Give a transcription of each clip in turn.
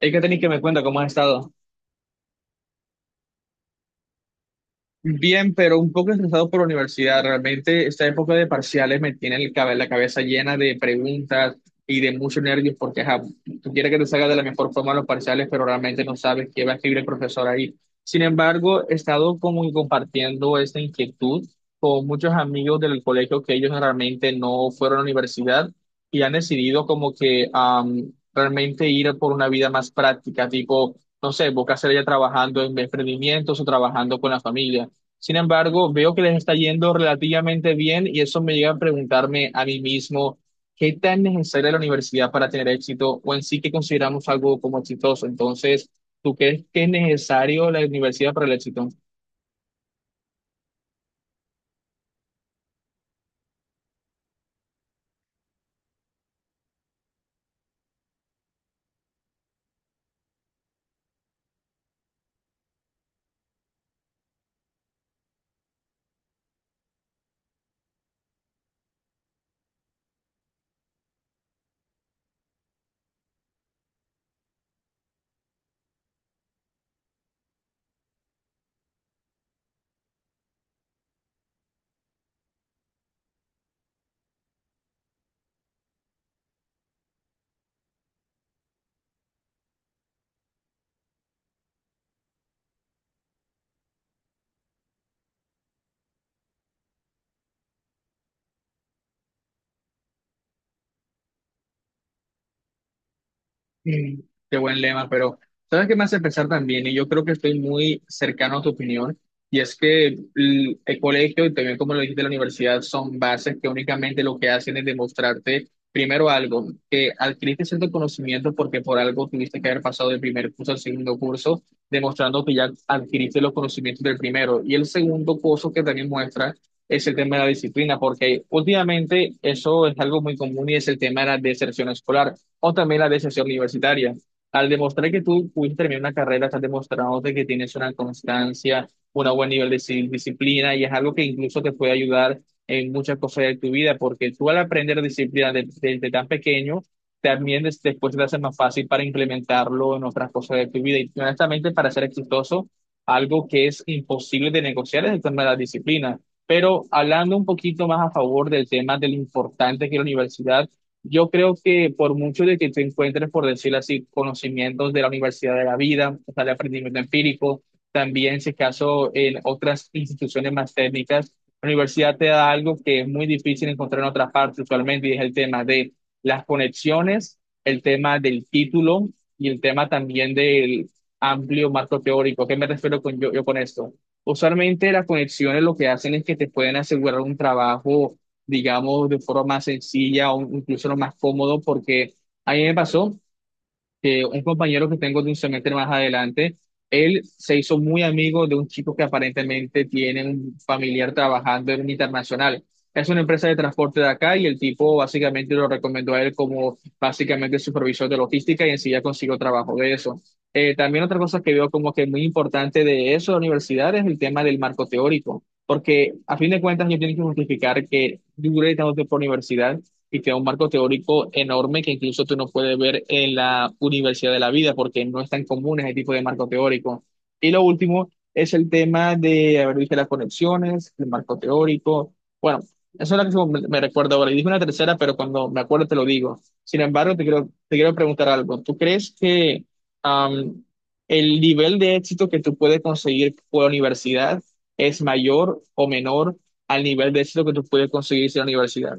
Hay que tener que me cuenta cómo has estado. Bien, pero un poco estresado por la universidad. Realmente esta época de parciales me tiene el la cabeza llena de preguntas y de muchos nervios porque ajá, tú quieres que te salga de la mejor forma los parciales, pero realmente no sabes qué va a escribir el profesor ahí. Sin embargo, he estado como compartiendo esta inquietud con muchos amigos del colegio que ellos realmente no fueron a la universidad y han decidido como que realmente ir por una vida más práctica, tipo no sé, busca hacer ya trabajando en emprendimientos o trabajando con la familia. Sin embargo, veo que les está yendo relativamente bien y eso me llega a preguntarme a mí mismo, ¿qué tan necesaria es la universidad para tener éxito o en sí que consideramos algo como exitoso? Entonces, ¿tú crees que es necesario la universidad para el éxito? Mm. Qué buen lema, pero ¿sabes qué me hace pensar también? Y yo creo que estoy muy cercano a tu opinión, y es que el colegio y también como lo dijiste, la universidad son bases que únicamente lo que hacen es demostrarte primero algo, que adquiriste cierto conocimiento porque por algo tuviste que haber pasado del primer curso al segundo curso, demostrando que ya adquiriste los conocimientos del primero. Y el segundo curso que también muestra es el tema de la disciplina, porque últimamente eso es algo muy común y es el tema de la deserción escolar o también la deserción universitaria. Al demostrar que tú pudiste terminar una carrera, estás demostrándote que tienes una constancia, un buen nivel de disciplina y es algo que incluso te puede ayudar en muchas cosas de tu vida, porque tú al aprender disciplina desde tan pequeño, también después te hace más fácil para implementarlo en otras cosas de tu vida. Y honestamente, para ser exitoso, algo que es imposible de negociar es el tema de la disciplina. Pero hablando un poquito más a favor del tema de lo importante que es la universidad, yo creo que por mucho de que tú encuentres, por decirlo así, conocimientos de la Universidad de la Vida, o sea, de aprendimiento empírico, también, si es caso, en otras instituciones más técnicas, la universidad te da algo que es muy difícil encontrar en otras partes usualmente, y es el tema de las conexiones, el tema del título y el tema también del amplio marco teórico. ¿A ¿Qué me refiero yo con esto? Usualmente las conexiones lo que hacen es que te pueden asegurar un trabajo, digamos, de forma más sencilla o incluso lo más cómodo, porque a mí me pasó que un compañero que tengo de un semestre más adelante, él se hizo muy amigo de un chico que aparentemente tiene un familiar trabajando en un internacional. Es una empresa de transporte de acá y el tipo básicamente lo recomendó a él como básicamente supervisor de logística y enseguida consiguió trabajo de eso. También otra cosa que veo como que muy importante de eso, de la universidad, es el tema del marco teórico, porque a fin de cuentas yo tengo que justificar que duré tanto tiempo en la universidad y te da un marco teórico enorme que incluso tú no puedes ver en la universidad de la vida porque no es tan común ese tipo de marco teórico. Y lo último es el tema de, haber visto las conexiones, el marco teórico. Bueno, eso es lo que me recuerdo ahora. Y dije una tercera, pero cuando me acuerdo te lo digo. Sin embargo, te quiero preguntar algo. ¿Tú crees que am, el nivel de éxito que tú puedes conseguir por la universidad es mayor o menor al nivel de éxito que tú puedes conseguir sin la universidad?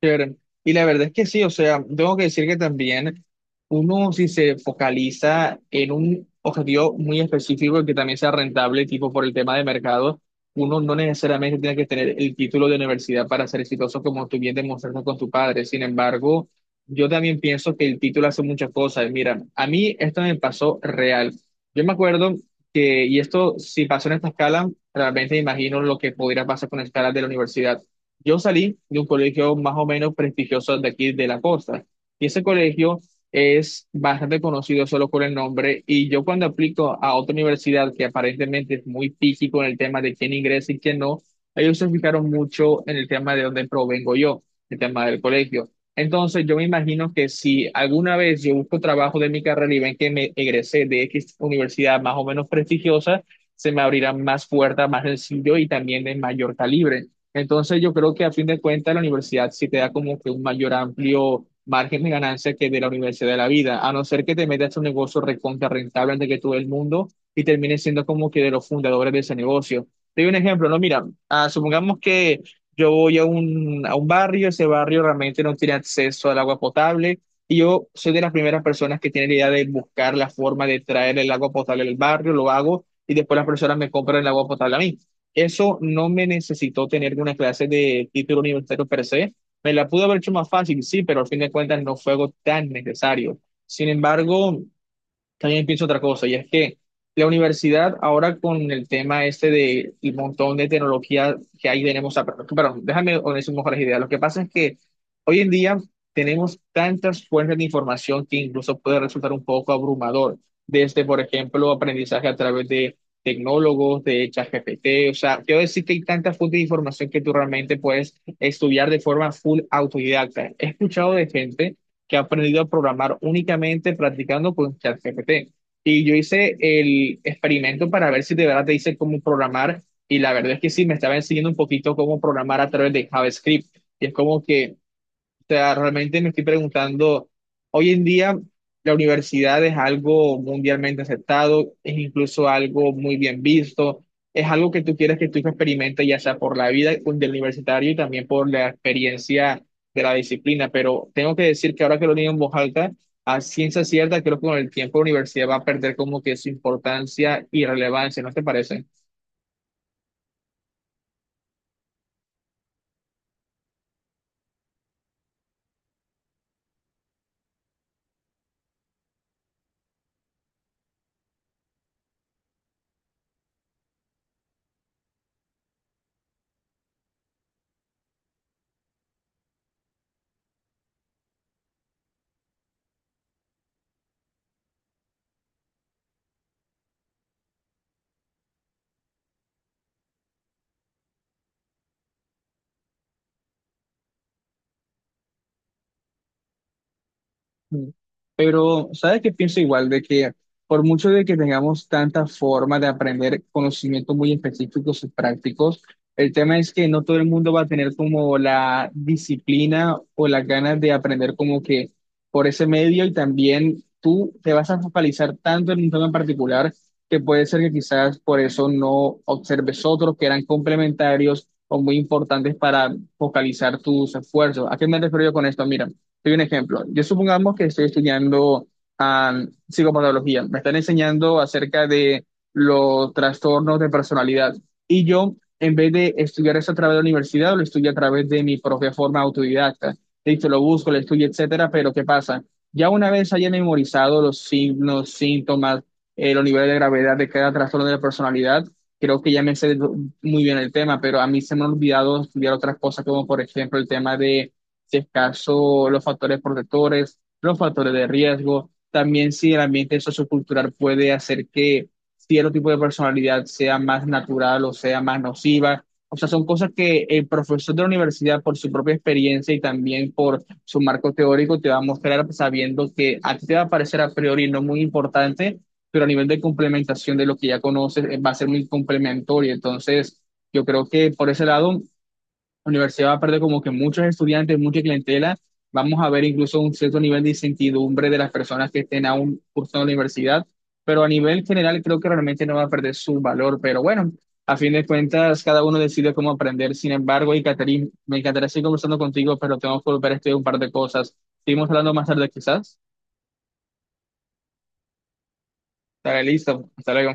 Chévere. Y la verdad es que sí, o sea, tengo que decir que también uno si se focaliza en un objetivo muy específico y que también sea rentable, tipo por el tema de mercado, uno no necesariamente tiene que tener el título de universidad para ser exitoso, como tú bien demostraste con tu padre. Sin embargo, yo también pienso que el título hace muchas cosas. Mira, a mí esto me pasó real. Yo me acuerdo que, y esto si pasó en esta escala, realmente imagino lo que pudiera pasar con escalas de la universidad. Yo salí de un colegio más o menos prestigioso de aquí de la costa y ese colegio es bastante conocido solo por el nombre y yo cuando aplico a otra universidad que aparentemente es muy físico en el tema de quién ingresa y quién no, ellos se fijaron mucho en el tema de dónde provengo yo, el tema del colegio. Entonces yo me imagino que si alguna vez yo busco trabajo de mi carrera y ven que me egresé de X universidad más o menos prestigiosa, se me abrirán más puertas, más sencillo y también de mayor calibre. Entonces yo creo que a fin de cuentas la universidad sí te da como que un mayor amplio margen de ganancia que de la universidad de la vida, a no ser que te metas en un negocio recontra rentable antes que todo el mundo y termines siendo como que de los fundadores de ese negocio. Te doy un ejemplo, no, mira, supongamos que yo voy a a un barrio, ese barrio realmente no tiene acceso al agua potable y yo soy de las primeras personas que tiene la idea de buscar la forma de traer el agua potable al barrio, lo hago y después las personas me compran el agua potable a mí. Eso no me necesitó tener una clase de título universitario per se. Me la pude haber hecho más fácil, sí, pero al fin de cuentas no fue algo tan necesario. Sin embargo, también pienso otra cosa, y es que la universidad ahora con el tema este de el montón de tecnología que ahí tenemos, perdón, déjame decir mejores ideas. Lo que pasa es que hoy en día tenemos tantas fuentes de información que incluso puede resultar un poco abrumador, desde, por ejemplo, aprendizaje a través de tecnólogos, de ChatGPT, o sea, quiero decir que hay tantas fuentes de información que tú realmente puedes estudiar de forma full autodidacta. He escuchado de gente que ha aprendido a programar únicamente practicando con ChatGPT. Y yo hice el experimento para ver si de verdad te dice cómo programar, y la verdad es que sí, me estaba enseñando un poquito cómo programar a través de JavaScript. Y es como que sea, realmente me estoy preguntando, hoy en día la universidad es algo mundialmente aceptado, es incluso algo muy bien visto, es algo que tú quieres que tu hijo experimente, ya sea por la vida del universitario y también por la experiencia de la disciplina. Pero tengo que decir que ahora que lo leo en voz alta, a ciencia cierta, creo que con el tiempo la universidad va a perder como que su importancia y relevancia, ¿no te parece? Mm. Pero, ¿sabes qué pienso igual? De que por mucho de que tengamos tanta forma de aprender conocimientos muy específicos y prácticos, el tema es que no todo el mundo va a tener como la disciplina o las ganas de aprender como que por ese medio y también tú te vas a focalizar tanto en un tema en particular que puede ser que quizás por eso no observes otros que eran complementarios o muy importantes para focalizar tus esfuerzos. ¿A qué me refiero yo con esto? Mira. Soy un ejemplo. Yo supongamos que estoy estudiando psicopatología, me están enseñando acerca de los trastornos de personalidad. Y yo, en vez de estudiar eso a través de la universidad, lo estudio a través de mi propia forma autodidacta. Listo, lo busco, lo estudio, etcétera, pero ¿qué pasa? Ya una vez haya memorizado los signos, síntomas, los niveles de gravedad de cada trastorno de la personalidad, creo que ya me sé muy bien el tema, pero a mí se me ha olvidado estudiar otras cosas, como por ejemplo el tema de, si es caso, los factores protectores, los factores de riesgo, también si el ambiente sociocultural puede hacer que cierto tipo de personalidad sea más natural o sea más nociva. O sea, son cosas que el profesor de la universidad, por su propia experiencia y también por su marco teórico, te va a mostrar sabiendo que a ti te va a parecer a priori no muy importante, pero a nivel de complementación de lo que ya conoces, va a ser muy complementario. Entonces, yo creo que por ese lado la universidad va a perder como que muchos estudiantes, mucha clientela. Vamos a ver incluso un cierto nivel de incertidumbre de las personas que estén aún cursando la universidad, pero a nivel general creo que realmente no va a perder su valor. Pero bueno, a fin de cuentas, cada uno decide cómo aprender. Sin embargo, y Catherine, me encantaría seguir conversando contigo, pero tengo que volver a estudiar un par de cosas. Seguimos hablando más tarde quizás. Estaré listo. Hasta luego.